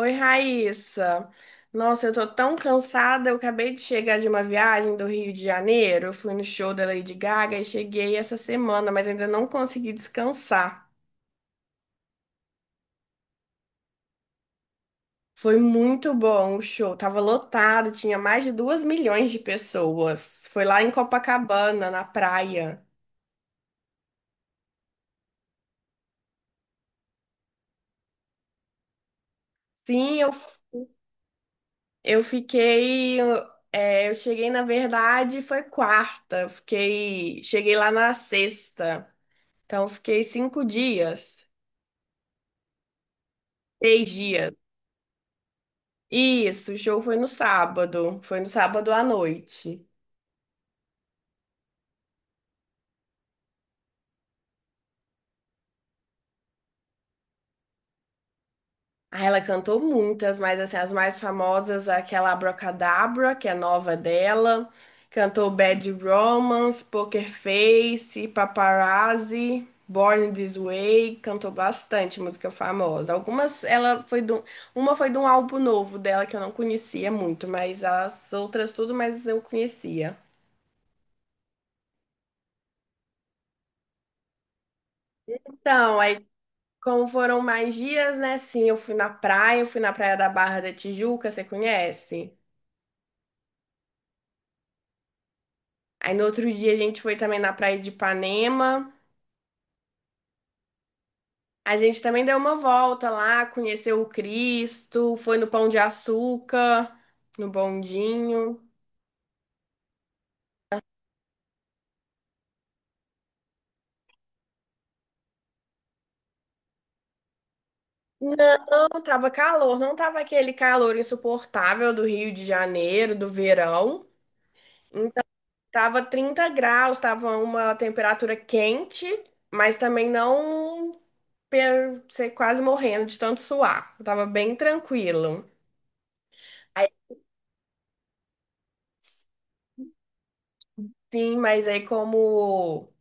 Oi, Raíssa. Nossa, eu tô tão cansada. Eu acabei de chegar de uma viagem do Rio de Janeiro. Eu fui no show da Lady Gaga e cheguei essa semana, mas ainda não consegui descansar. Foi muito bom o show. Tava lotado, tinha mais de duas milhões de pessoas. Foi lá em Copacabana, na praia. Sim, eu fiquei. É, eu cheguei, na verdade, foi quarta. Eu fiquei, cheguei lá na sexta. Então, eu fiquei 5 dias, 6 dias. Isso, o show foi no sábado. Foi no sábado à noite. Aí ela cantou muitas, mas assim, as mais famosas, aquela Abracadabra, que é nova dela. Cantou Bad Romance, Poker Face, Paparazzi, Born This Way. Cantou bastante música famosa. Algumas, ela foi de um- Uma foi de um álbum novo dela que eu não conhecia muito, mas as outras tudo mais eu conhecia. Então, aí como foram mais dias, né? Sim, eu fui na praia, eu fui na praia da Barra da Tijuca, você conhece? Aí no outro dia a gente foi também na praia de Ipanema. A gente também deu uma volta lá, conheceu o Cristo, foi no Pão de Açúcar, no bondinho. Não, tava calor, não tava aquele calor insuportável do Rio de Janeiro, do verão. Então, tava 30 graus, tava uma temperatura quente, mas também não. Pedro, você quase morrendo de tanto suar. Eu tava bem tranquilo. Aí sim, mas aí como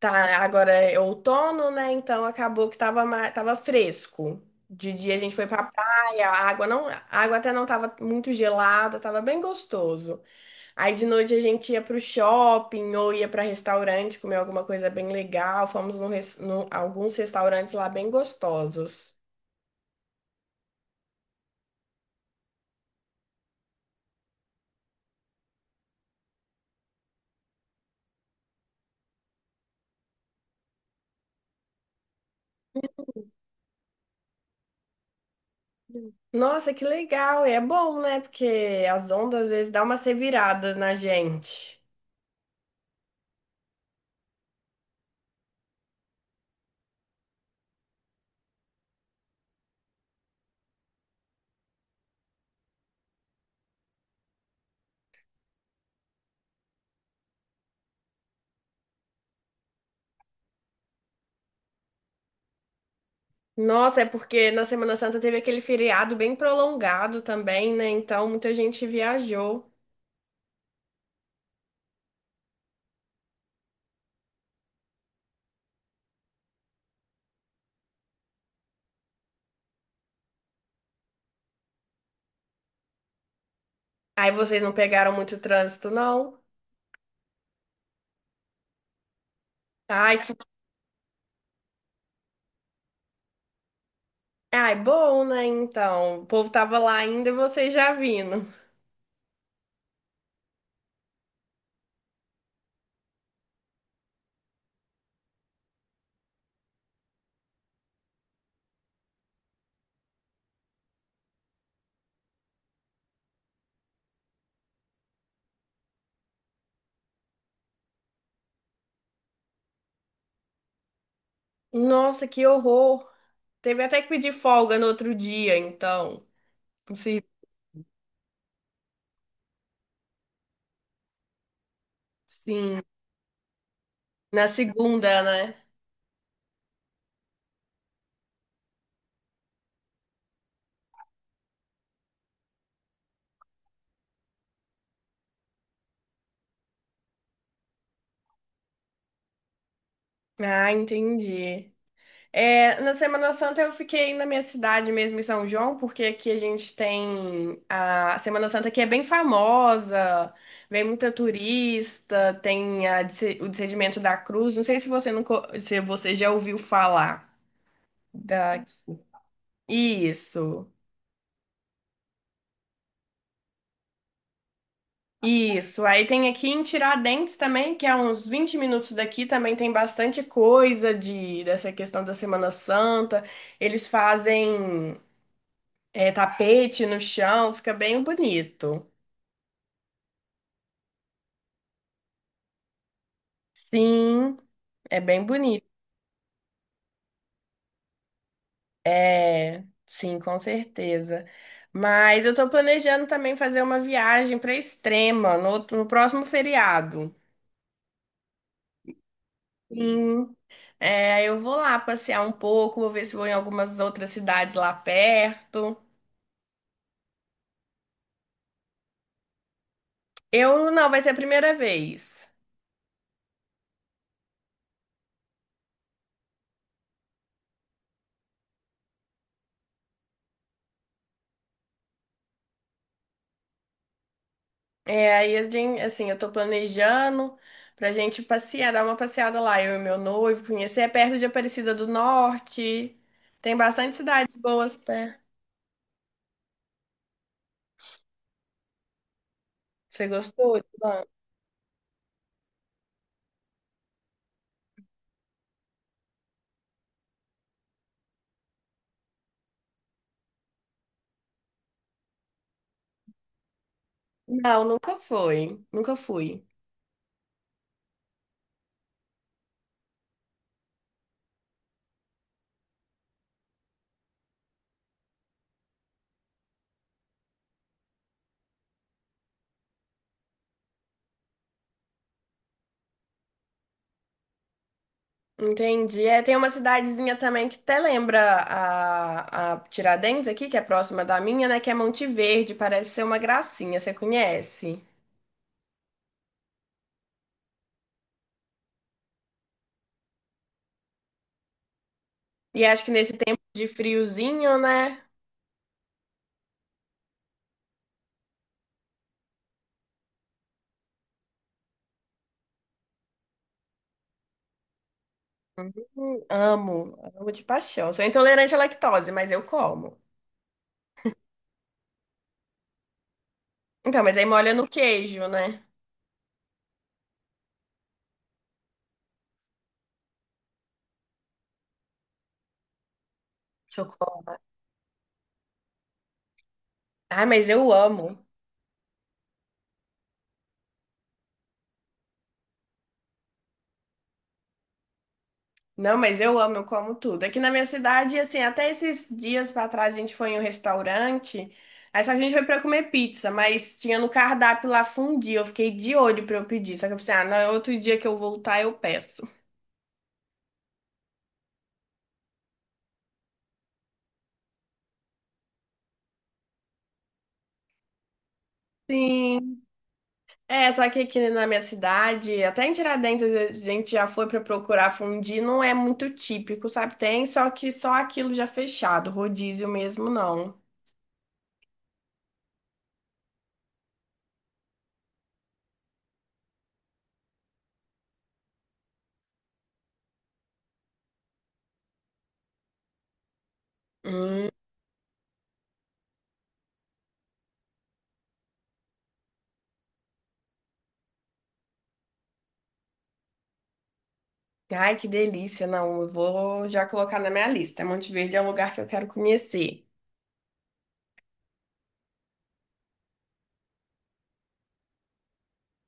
tá agora é outono, né? Então acabou que tava, tava fresco. De dia a gente foi pra praia, a água até não tava muito gelada, tava bem gostoso. Aí de noite a gente ia pro shopping ou ia pra restaurante comer alguma coisa bem legal. Fomos num, alguns restaurantes lá bem gostosos. Nossa, que legal! E é bom, né? Porque as ondas às vezes dão umas reviradas na gente. Nossa, é porque na Semana Santa teve aquele feriado bem prolongado também, né? Então muita gente viajou. Aí vocês não pegaram muito trânsito, não? Ai, que... Ai, bom, né? Então, o povo tava lá ainda e vocês já vindo. Nossa, que horror! Teve até que pedir folga no outro dia, então. Se... Sim, na segunda, né? Ah, entendi. É, na Semana Santa eu fiquei na minha cidade mesmo, em São João, porque aqui a gente tem a Semana Santa que é bem famosa, vem muita turista, o Descedimento da Cruz. Não sei se você nunca, se você já ouviu falar da isso. Isso. Aí tem aqui em Tiradentes também, que é uns 20 minutos daqui, também tem bastante coisa de dessa questão da Semana Santa. Eles fazem é tapete no chão, fica bem bonito. Sim, é bem bonito. É, sim, com certeza. Mas eu tô planejando também fazer uma viagem para Extrema no, no próximo feriado. Sim, é, eu vou lá passear um pouco, vou ver se vou em algumas outras cidades lá perto. Eu não, vai ser a primeira vez. É, aí a gente, assim, eu tô planejando pra gente passear, dar uma passeada lá, eu e meu noivo, conhecer, é perto de Aparecida do Norte. Tem bastante cidades boas perto. Você gostou? De lá? Não, nunca foi. Nunca fui. Entendi. É, tem uma cidadezinha também que até lembra a Tiradentes aqui, que é próxima da minha, né? Que é Monte Verde, parece ser uma gracinha, você conhece? E acho que nesse tempo de friozinho, né? Hum. Amo, amo de paixão. Sou intolerante à lactose, mas eu como. Então, mas aí molha no queijo, né? Chocolate. Ah, mas eu amo. Não, mas eu amo, eu como tudo. Aqui na minha cidade, assim, até esses dias pra trás a gente foi em um restaurante, aí só que a gente foi pra comer pizza, mas tinha no cardápio lá fundi, eu fiquei de olho pra eu pedir. Só que eu pensei, ah, não, outro dia que eu voltar eu peço. Sim. É, só que aqui na minha cidade, até em Tiradentes a gente já foi pra procurar fundir, não é muito típico, sabe? Tem, só que só aquilo já fechado, rodízio mesmo não. Hum, ai, que delícia, não, eu vou já colocar na minha lista. Monte Verde é um lugar que eu quero conhecer.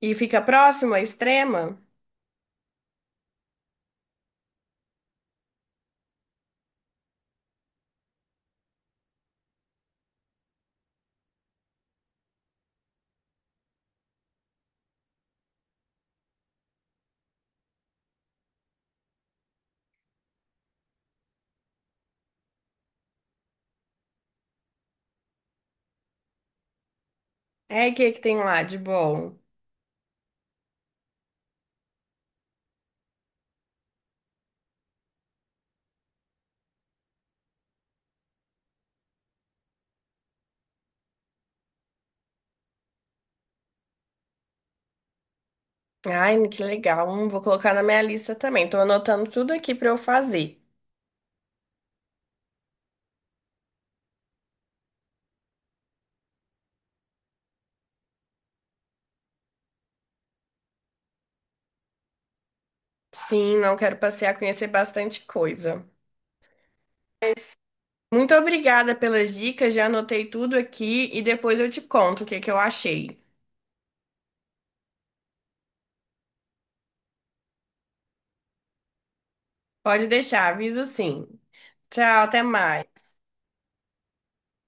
E fica próximo à Extrema? É, e o que que tem lá de bom? Ai, que legal, vou colocar na minha lista também. Tô anotando tudo aqui pra eu fazer. Sim, não quero passear, conhecer bastante coisa. Muito obrigada pelas dicas, já anotei tudo aqui e depois eu te conto o que que eu achei. Pode deixar, aviso sim. Tchau, até mais.